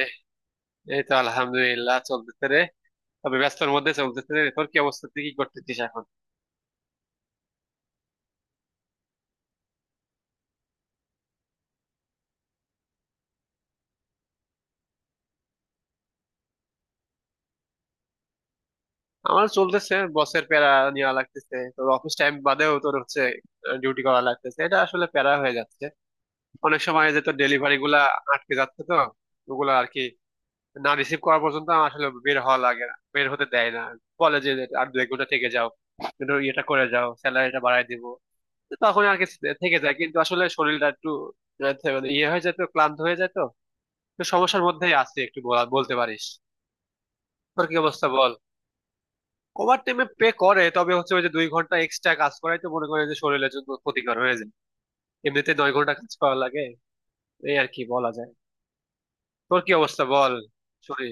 এই এই তো আলহামদুলিল্লাহ চলতেছে রে। তবে ব্যস্তর মধ্যে চলতেছে রে। তোর কি অবস্থা, তুই কি করতেছিস এখন? আমার চলতেছে, বসের প্যারা নেওয়া লাগতেছে। তোর অফিস টাইম বাদেও তোর হচ্ছে ডিউটি করা লাগতেছে, এটা আসলে প্যারা হয়ে যাচ্ছে। অনেক সময় যে তোর ডেলিভারি গুলা আটকে যাচ্ছে তো, ওগুলা আর কি না রিসিভ করা পর্যন্ত আমার আসলে বের হওয়া লাগে, না বের হতে দেয় না। বলে যে আর 1-2 ঘন্টা থেকে যাও, একটু ইয়েটা করে যাও, স্যালারিটা বাড়ায় দিব। তো তখন আর কি, থেকে যায়। কিন্তু আসলে শরীরটা একটু আহ, মানে ইয়ে হয়ে যায় তো, ক্লান্ত হয়ে যায় তো। তো সমস্যার মধ্যেই আছে, একটু বলতে পারিস। তোর কি অবস্থা বল? ওভার টাইমে পে করে, তবে হচ্ছে ওই যে 2 ঘন্টা এক্সট্রা কাজ করাই তো মনে করে, যে শরীরের জন্য ক্ষতিকর হয়ে যায়। এমনিতে 9 ঘন্টা কাজ করা লাগে। এই আর কি বলা যায়। তোর কি অবস্থা বল? সরি।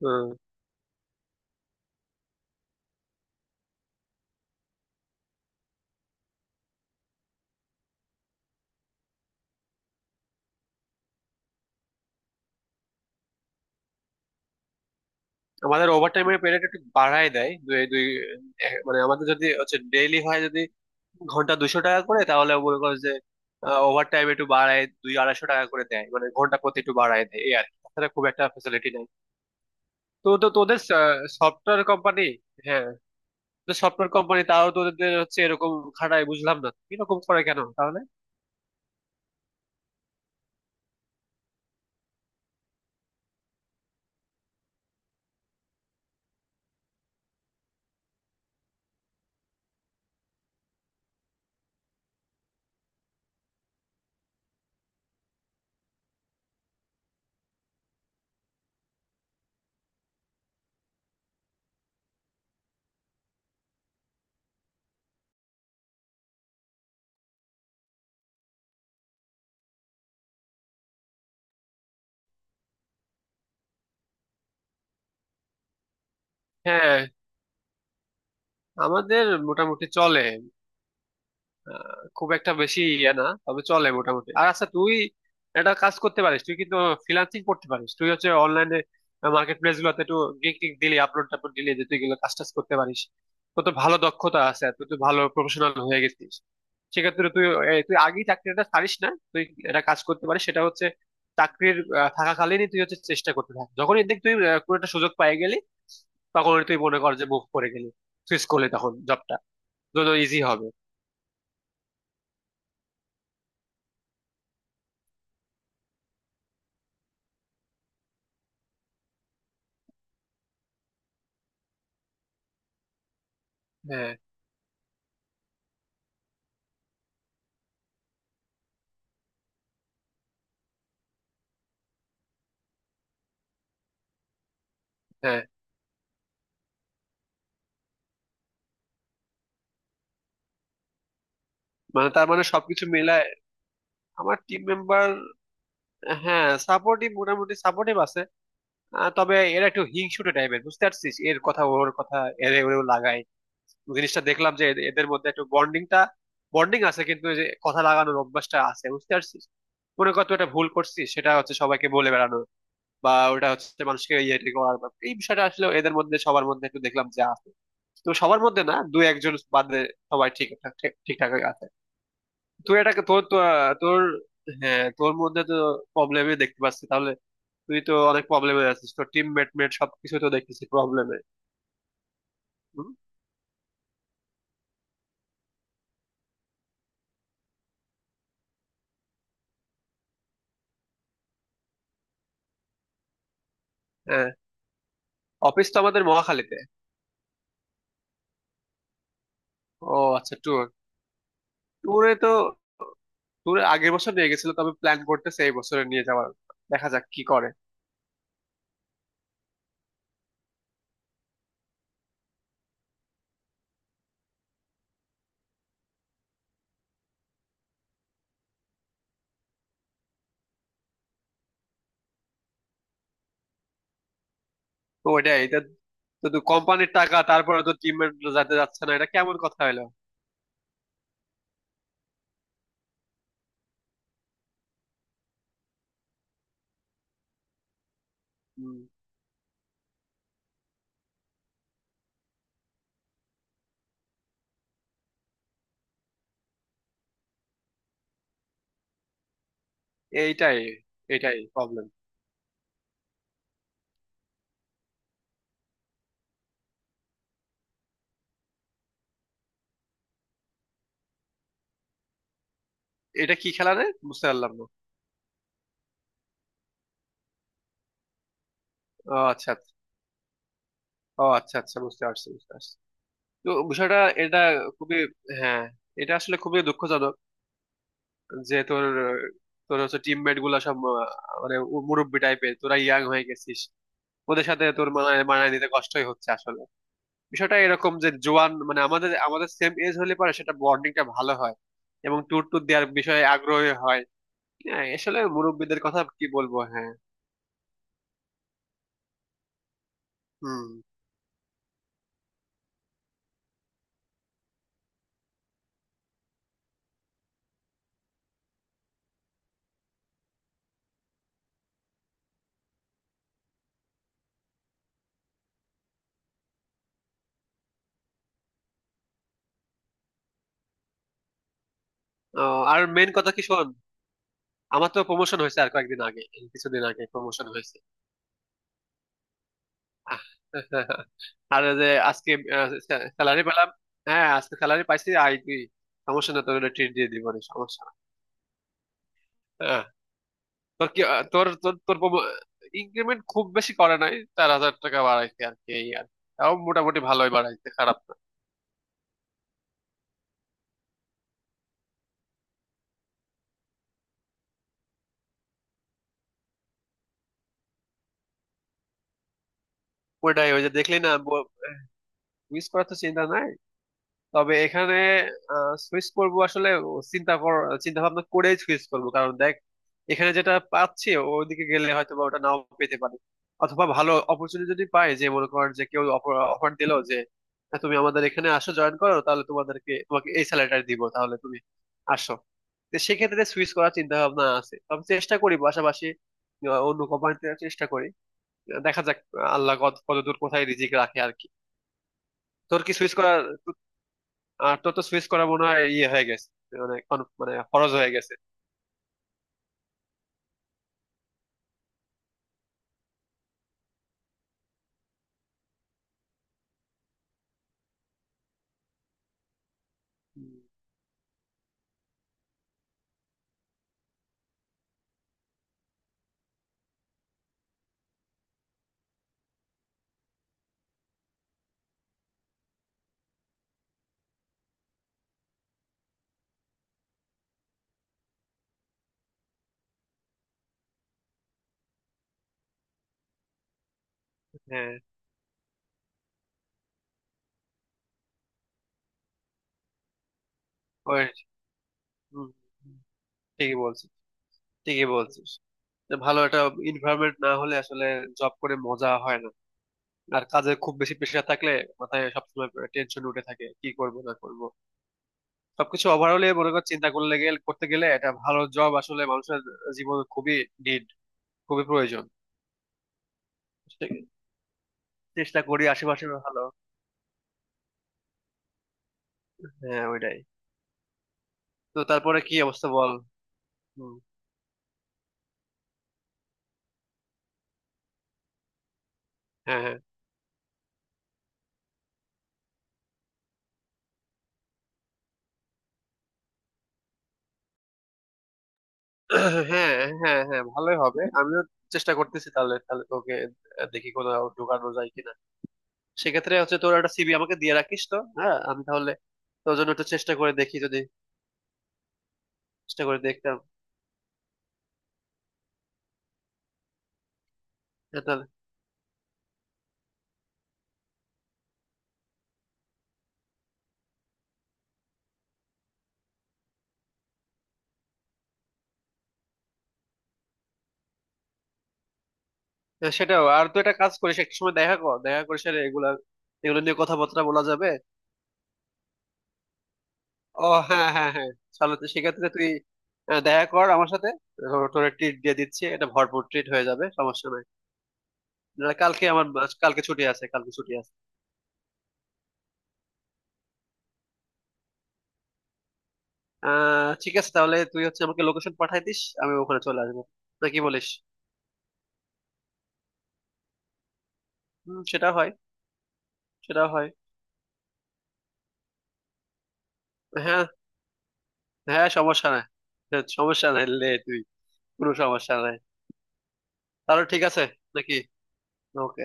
হম। আমাদের ওভার টাইমের পেরিয়ড একটু বাড়ায় দেয়, দুই দুই মানে আমাদের যদি হচ্ছে ডেইলি হয় যদি ঘন্টা 200 টাকা করে, তাহলে মনে করো যে ওভার টাইম একটু বাড়ায় দুই 250 টাকা করে দেয়। মানে ঘন্টা প্রতি একটু বাড়ায় দেয়, এই আর কি। তাছাড়া খুব একটা ফেসিলিটি নাই। তো তো তোদের সফটওয়্যার কোম্পানি, তো সফটওয়্যার কোম্পানি তারাও তো ওদের হচ্ছে এরকম খাটায়, বুঝলাম না এরকম করে কেন তাহলে। হ্যাঁ, আমাদের মোটামুটি চলে। আহ, খুব একটা বেশি ইয়ে না, তবে চলে মোটামুটি। আর আচ্ছা, তুই একটা কাজ করতে পারিস, তুই কিন্তু ফ্রিল্যান্সিং করতে পারিস। তুই হচ্ছে অনলাইনে মার্কেট প্লেস গুলোতে একটু গিগ টিক দিলি, আপলোড টাপলোড দিলি যে তুই এগুলো কাজ টাজ করতে পারিস। তোর ভালো দক্ষতা আছে, তুই তো ভালো প্রফেশনাল হয়ে গেছিস। সেক্ষেত্রে তুই তুই আগেই চাকরিটা ছাড়িস না। তুই একটা কাজ করতে পারিস, সেটা হচ্ছে চাকরির থাকাকালীনই তুই হচ্ছে চেষ্টা করতে থাক। যখনই দেখ তুই কোনো একটা সুযোগ পেয়ে গেলি, তখন তুই মনে কর যে মুভ করে গেলি, সুইচ করলি, তখন জবটা দুটো ইজি হবে। হ্যাঁ, হ্যাঁ। মানে তার মানে সবকিছু মিলায় আমার টিম মেম্বার, হ্যাঁ সাপোর্টিভ, মোটামুটি সাপোর্টিভ আছে। আহ, তবে এরা একটু হিংসুটে টাইপের, বুঝতে পারছিস। এর কথা ওর কথা, এরে ওরেও লাগায়। জিনিসটা দেখলাম যে এদের এদের মধ্যে একটু বন্ডিং আছে, কিন্তু এই যে কথা লাগানোর অভ্যাসটা আছে, বুঝতে পারছিস। মনে কর তুই একটা ভুল করছিস, সেটা হচ্ছে সবাইকে বলে বেড়ানো, বা ওটা হচ্ছে মানুষকে ইয়ে টিয়ে এই বিষয়টা আসলে এদের মধ্যে সবার মধ্যে একটু দেখলাম যে আছে। তো সবার মধ্যে না, দু একজন বাদে সবাই ঠিকঠাক আছে। তুই এটাকে তোর তো, আহ, তোর হ্যাঁ তোর মধ্যে তো প্রবলেমে দেখতে পাচ্ছি তাহলে। তুই তো অনেক প্রবলেমে আছিস, তোর টিম মেটমেট সবকিছু তো দেখতেছি প্রবলেমে। হ্যাঁ, অফিস তো আমাদের মহাখালীতে। ও আচ্ছা, ট্যুর। ট্যুরে তো, ট্যুরে আগের বছর নিয়ে গেছিল, তবে প্ল্যান করতেছে এই বছরে নিয়ে যাওয়ার। দেখা যাক কি করে। তো ওইটাই এটা, তো তুই কোম্পানির টাকা, তারপরে তো টিম মেট যাতে যাচ্ছে না, এটা কেমন কথা হলো। হম। এইটাই এইটাই প্রবলেম। এটা কি খেলা রে, বুঝতে পারলাম না। ও আচ্ছা আচ্ছা। ও আচ্ছা আচ্ছা, বুঝতে পারছি। তো বিষয়টা এটা খুবই, হ্যাঁ এটা আসলে খুবই দুঃখজনক যে তোর তোর হচ্ছে টিমমেট গুলা সব আহ, মানে মুরব্বি টাইপের, তোরা ইয়াং হয়ে গেছিস। ওদের সাথে তোর মানায় মানায় নিতে কষ্টই হচ্ছে আসলে। বিষয়টা এরকম যে জোয়ান মানে আমাদের আমাদের সেম এজ হলে পারে, সেটা বন্ডিংটা ভালো হয় এবং ট্যুর ট্যুর দেওয়ার বিষয়ে আগ্রহী হয়। হ্যাঁ আসলে মুরব্বিদের কথা কি বলবো, হ্যাঁ। হুম। আহ, আর মেন কথা কি শোন, আমার তো প্রমোশন হয়েছে আর কয়েকদিন আগে, এই কিছুদিন আগে প্রমোশন হয়েছে। আহ, আর যে আজকে স্যালারি পেলাম। হ্যাঁ, আজকে স্যালারি পাইছি। আই তুই সমস্যা না, তোর ট্রিট দিয়ে দিব, না সমস্যা না। হ্যাঁ। তোর কি আহ, তোর তোর তোর ইনক্রিমেন্ট খুব বেশি করে নাই, 4,000 টাকা বাড়াইছে আর কি। এই আর তাও মোটামুটি ভালোই বাড়াইছে, খারাপ না। ওটাই, ওই যে দেখলি না, মিস করার তো চিন্তা নাই। তবে এখানে সুইচ করব আসলে চিন্তা কর চিন্তা ভাবনা করেই সুইচ করব, কারণ দেখ এখানে যেটা পাচ্ছি ওইদিকে গেলে হয়তো বা ওটা নাও পেতে পারি। অথবা ভালো অপরচুনিটি যদি পাই, যে মনে কর যে কেউ অফার দিলো যে "হ্যাঁ, তুমি আমাদের এখানে আসো, জয়েন করো, তাহলে তোমাকে এই স্যালারিটা দিব, তাহলে তুমি আসো।" তো সেক্ষেত্রে সুইচ করার চিন্তা ভাবনা আছে, তবে চেষ্টা করি পাশাপাশি অন্য কোম্পানিতে চেষ্টা করি। দেখা যাক আল্লাহ কত দূর কোথায় রিজিক রাখে আর কি। তোর কি সুইচ করার, আর তোর তো সুইচ করা মনে হয় ইয়ে হয়ে গেছে, মানে মানে খরচ হয়ে গেছে। হুম, হ্যাঁ ওই, হুম, হুম, ঠিকই বলছিস, ঠিকই বলছিস যে ভালো একটা এনভায়রনমেন্ট না হলে আসলে জব করে মজা হয় না। আর কাজে খুব বেশি প্রেশার থাকলে মাথায় সবসময় টেনশন উঠে থাকে, কি করব না করব। সবকিছু ওভারঅলে মনে কর চিন্তা করলে গেলে করতে গেলে, একটা ভালো জব আসলে মানুষের জীবনে খুবই নিড, খুবই প্রয়োজন। চেষ্টা করি আশেপাশে ভালো। হ্যাঁ ওইটাই। তো তারপরে কি অবস্থা বল? হুম। হ্যাঁ, হ্যাঁ হ্যাঁ। হ্যাঁ হ্যাঁ ভালোই হবে, আমিও চেষ্টা করতেছি। তাহলে তাহলে তোকে দেখি কোথাও ঢোকানো যায় কিনা। সেক্ষেত্রে হচ্ছে তোর একটা সিভি আমাকে দিয়ে রাখিস তো, হ্যাঁ আমি তাহলে তোর জন্য একটু চেষ্টা করে দেখি, যদি চেষ্টা করে দেখতাম। হ্যাঁ, তাহলে হ্যাঁ, সেটাও। আর তুই একটা কাজ করিস, একটা সময় দেখা কর, দেখা করিস, আর এগুলো নিয়ে কথাবার্তা বলা যাবে। ও হ্যাঁ হ্যাঁ হ্যাঁ। তাহলে তো সেক্ষেত্রে তুই দেখা কর আমার সাথে, তোর তোর ট্রিট দিয়ে দিচ্ছি, এটা ভরপুর ট্রিট হয়ে যাবে, সমস্যা নাই। না, কালকে আমার, কালকে ছুটি আছে, আহ ঠিক আছে, তাহলে তুই হচ্ছে আমাকে লোকেশন পাঠাই দিস, আমি ওখানে চলে আসবো। না কি বলিস? হুম সেটা হয়, সেটা হয় হ্যাঁ, হ্যাঁ সমস্যা নাই, হ্যাঁ, সমস্যা নাই লে তুই, কোনো সমস্যা নাই। তাহলে ঠিক আছে, নাকি? ওকে,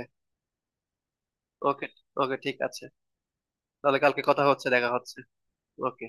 ওকে ওকে ঠিক আছে। তাহলে কালকে কথা হচ্ছে, দেখা হচ্ছে। ওকে।